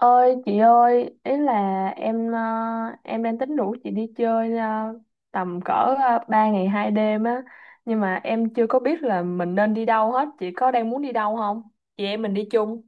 Ơi chị ơi ý là em em đang tính rủ chị đi chơi tầm cỡ 3 ngày 2 đêm á, nhưng mà em chưa có biết là mình nên đi đâu hết. Chị có đang muốn đi đâu không? Chị em mình đi chung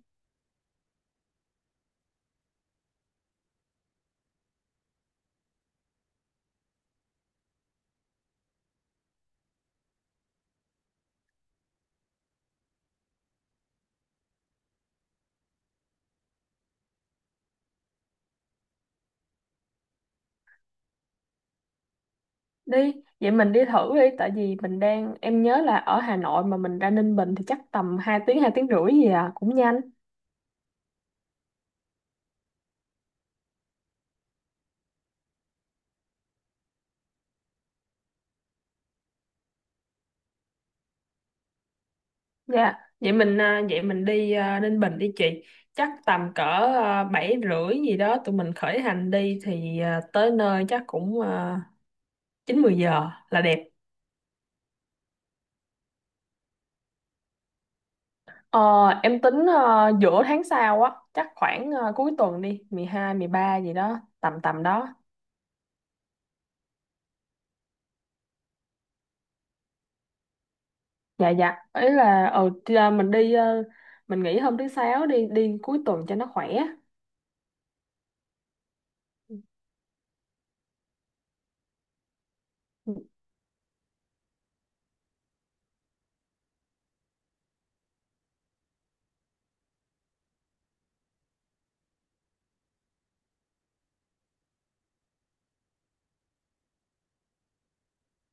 đi. Vậy mình đi thử đi, tại vì mình đang em nhớ là ở Hà Nội mà mình ra Ninh Bình thì chắc tầm 2 tiếng 2 tiếng rưỡi gì à, cũng nhanh. Dạ, vậy mình đi Ninh Bình đi chị. Chắc tầm cỡ 7 rưỡi gì đó tụi mình khởi hành đi thì tới nơi chắc cũng 9, 10 giờ là đẹp. Ờ, em tính giữa tháng sau á, chắc khoảng cuối tuần đi, 12, ba gì đó, tầm tầm đó. Dạ dạ, ấy là thì, mình nghỉ hôm thứ sáu, đi đi cuối tuần cho nó khỏe.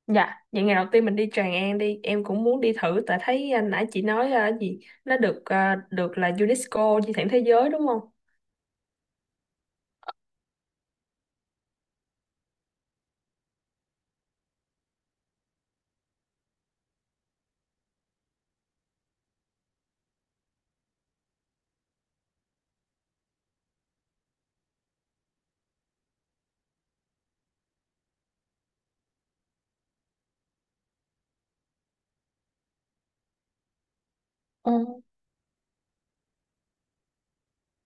Dạ, vậy ngày đầu tiên mình đi Tràng An đi, em cũng muốn đi thử tại thấy nãy chị nói gì nó được là UNESCO di sản thế giới đúng không? Ừ.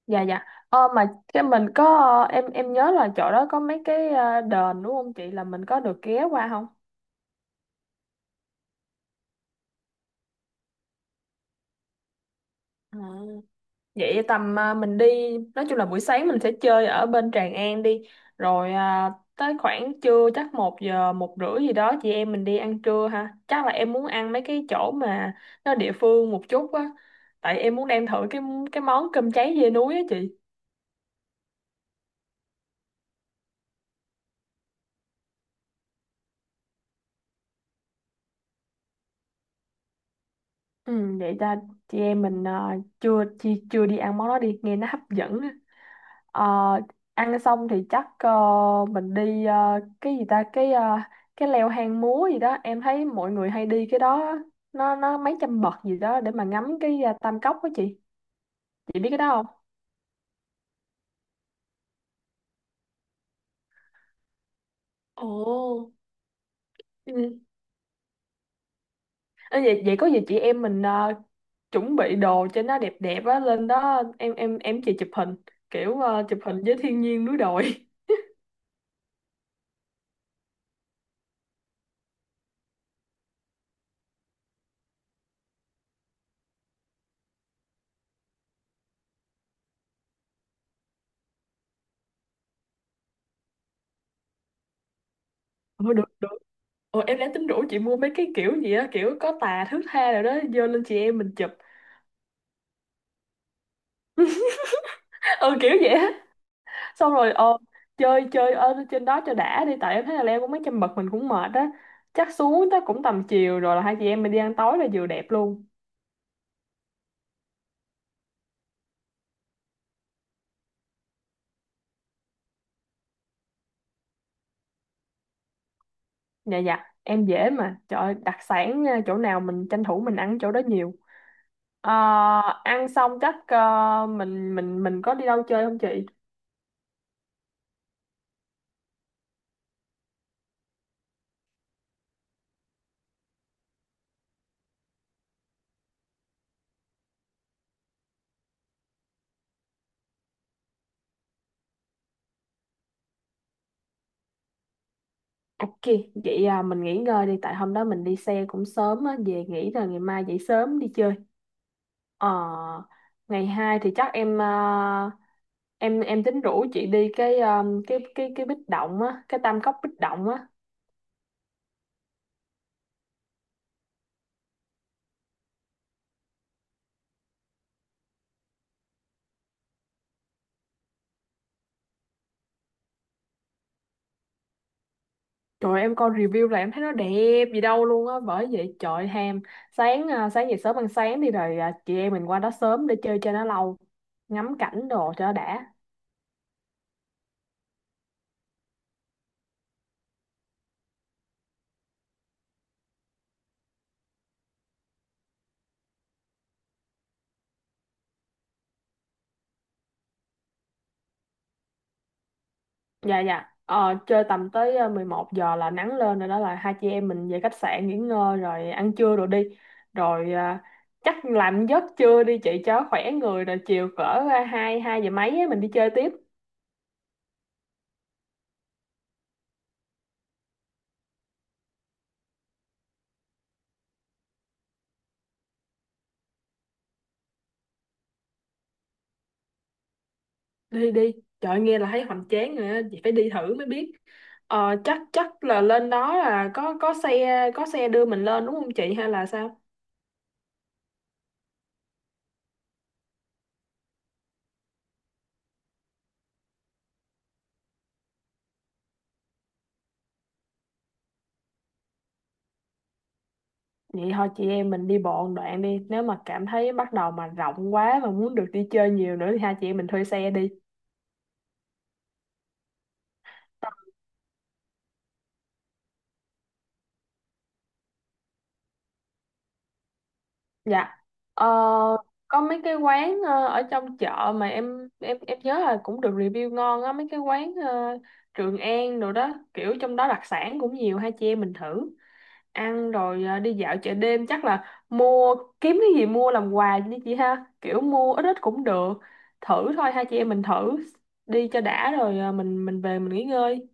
Dạ dạ. Mà cái mình có em nhớ là chỗ đó có mấy cái đền đúng không chị, là mình có được ghé qua không? À. Vậy tầm mình đi, nói chung là buổi sáng mình sẽ chơi ở bên Tràng An đi rồi tới khoảng trưa chắc 1 giờ 1 rưỡi gì đó chị em mình đi ăn trưa ha. Chắc là em muốn ăn mấy cái chỗ mà nó địa phương một chút á, tại em muốn đem thử cái món cơm cháy dê núi á chị. Ừ, vậy ta, chị em mình chưa chưa chưa đi ăn món đó đi, nghe nó hấp dẫn. Ờ, ăn xong thì chắc mình đi cái gì ta, cái cái leo hang múa gì đó em thấy mọi người hay đi cái đó á. Nó mấy trăm bậc gì đó để mà ngắm cái Tam Cốc đó chị biết cái đó không? Ồ, ừ. Ơ vậy vậy có gì chị em mình chuẩn bị đồ cho nó đẹp đẹp á lên đó, em chị chụp hình kiểu chụp hình với thiên nhiên núi đồi. Ủa được được. Ồ, em đang tính rủ chị mua mấy cái kiểu gì á, kiểu có tà thước tha rồi đó vô lên chị em mình chụp. Ừ kiểu vậy. Xong rồi chơi chơi ở trên đó cho đã đi, tại em thấy là leo cũng mấy trăm bậc mình cũng mệt á, chắc xuống tới cũng tầm chiều rồi là hai chị em mình đi ăn tối là vừa đẹp luôn. Dạ dạ em dễ mà, trời ơi, đặc sản nha, chỗ nào mình tranh thủ mình ăn chỗ đó nhiều. Ờ, ăn xong chắc mình có đi đâu chơi không chị? Ok, vậy mình nghỉ ngơi đi, tại hôm đó mình đi xe cũng sớm á, về nghỉ rồi ngày mai dậy sớm đi chơi. Ờ, ngày 2 thì chắc em em tính rủ chị đi cái cái Bích Động á, cái Tam Cốc Bích Động á. Trời ơi, em coi review là em thấy nó đẹp gì đâu luôn á, bởi vậy trời ham. Sáng dậy sớm ăn sáng đi rồi chị em mình qua đó sớm để chơi cho nó lâu, ngắm cảnh đồ cho nó đã. Dạ dạ. Ờ, chơi tầm tới 11 giờ là nắng lên rồi đó, là hai chị em mình về khách sạn nghỉ ngơi rồi ăn trưa rồi đi. Rồi chắc làm giấc trưa đi chị cho khỏe người, rồi chiều cỡ 2, 2 giờ mấy á, mình đi chơi tiếp. Đi đi. Trời ơi, nghe là thấy hoành tráng rồi á, chị phải đi thử mới biết. Chắc chắc là lên đó là có xe có xe đưa mình lên đúng không chị hay là sao? Vậy thôi chị em mình đi bộ một đoạn đi. Nếu mà cảm thấy bắt đầu mà rộng quá mà muốn được đi chơi nhiều nữa thì hai chị em mình thuê xe đi. Dạ. Ờ, có mấy cái quán ở trong chợ mà em nhớ là cũng được review ngon á, mấy cái quán Trường An rồi đó, kiểu trong đó đặc sản cũng nhiều, hai chị em mình thử ăn rồi đi dạo chợ đêm chắc là mua kiếm cái gì mua làm quà đi chị ha, kiểu mua ít ít cũng được thử thôi, hai chị em mình thử đi cho đã rồi mình về mình nghỉ ngơi.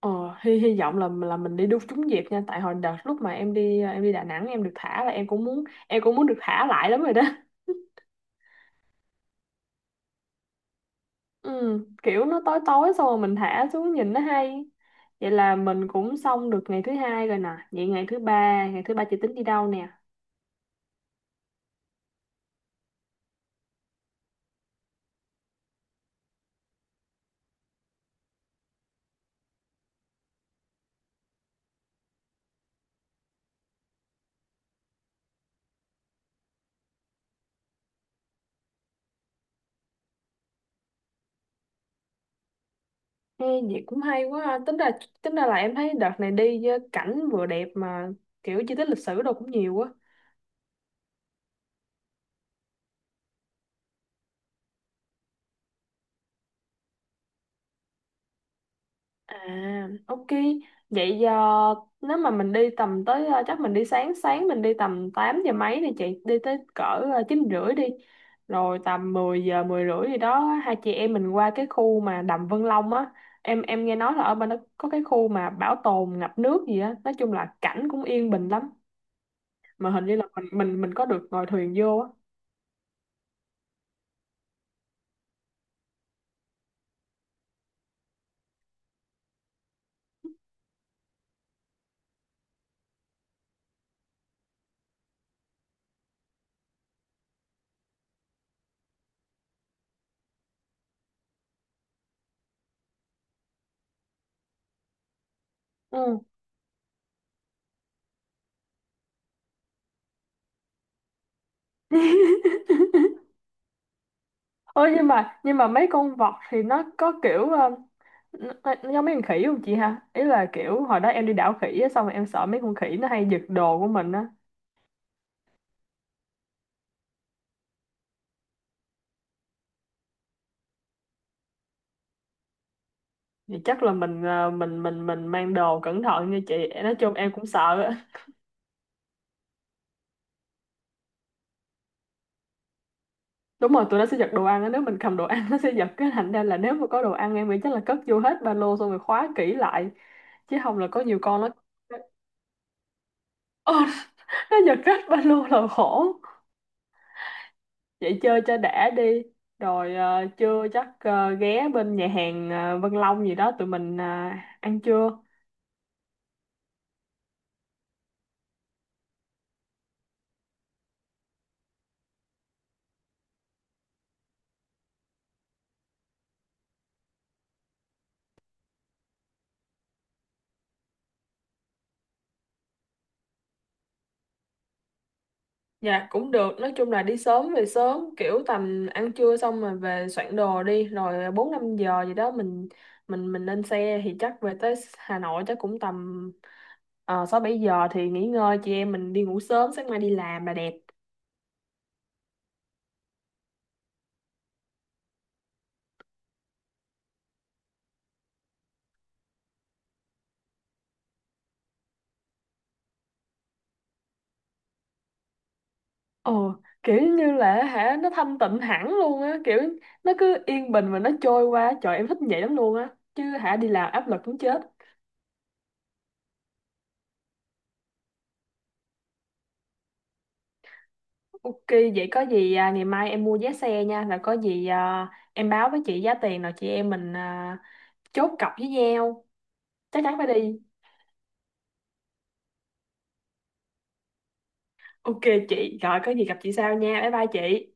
Ờ, hy hy vọng là mình đi đúng trúng dịp nha, tại hồi đợt lúc mà em đi em đi Đà Nẵng em được thả là em cũng muốn được thả lại lắm rồi đó. Ừ, kiểu nó tối tối xong rồi mình thả xuống nhìn nó hay. Vậy là mình cũng xong được ngày thứ hai rồi nè, vậy ngày thứ ba, ngày thứ ba chị tính đi đâu nè? Ê, vậy cũng hay quá ha. Tính ra, tính ra là em thấy đợt này đi với cảnh vừa đẹp mà kiểu di tích lịch sử đâu cũng nhiều quá. À, ok. Vậy giờ nếu mà mình đi tầm tới chắc mình đi sáng sáng mình đi tầm 8 giờ mấy đi chị, đi tới cỡ 9 rưỡi đi. Rồi tầm 10 giờ 10 rưỡi gì đó hai chị em mình qua cái khu mà Đầm Vân Long á. Em nghe nói là ở bên đó có cái khu mà bảo tồn ngập nước gì á, nói chung là cảnh cũng yên bình lắm. Mà hình như là mình có được ngồi thuyền vô á. Ừ. Ôi nhưng mà mấy con vọt thì nó có kiểu nó, nó giống mấy con khỉ không chị ha? Ý là kiểu hồi đó em đi đảo khỉ á, xong rồi em sợ mấy con khỉ nó hay giật đồ của mình á. Thì chắc là mình mang đồ cẩn thận như chị. Nói chung em cũng sợ á. Đúng rồi, tụi nó sẽ giật đồ ăn á, nếu mình cầm đồ ăn nó sẽ giật, cái thành ra là nếu mà có đồ ăn em nghĩ chắc là cất vô hết ba lô xong rồi khóa kỹ lại, chứ không là có nhiều con nó. Ờ, nó giật rách ba lô là khổ. Vậy chơi cho đã đi rồi trưa chắc ghé bên nhà hàng Vân Long gì đó tụi mình ăn trưa. Dạ cũng được, nói chung là đi sớm về sớm, kiểu tầm ăn trưa xong rồi về soạn đồ đi rồi 4, 5 giờ gì đó mình lên xe thì chắc về tới Hà Nội chắc cũng tầm 6, 7 giờ thì nghỉ ngơi, chị em mình đi ngủ sớm sáng mai đi làm là đẹp. Ồ, kiểu như là hả nó thanh tịnh hẳn luôn á, kiểu nó cứ yên bình mà nó trôi qua, trời em thích vậy lắm luôn á. Chứ hả đi làm áp lực muốn chết. Ok, vậy có gì ngày mai em mua vé xe nha, là có gì em báo với chị giá tiền rồi chị em mình chốt cọc với nhau, chắc chắn phải đi. Ok chị, rồi có gì gặp chị sau nha, bye bye chị.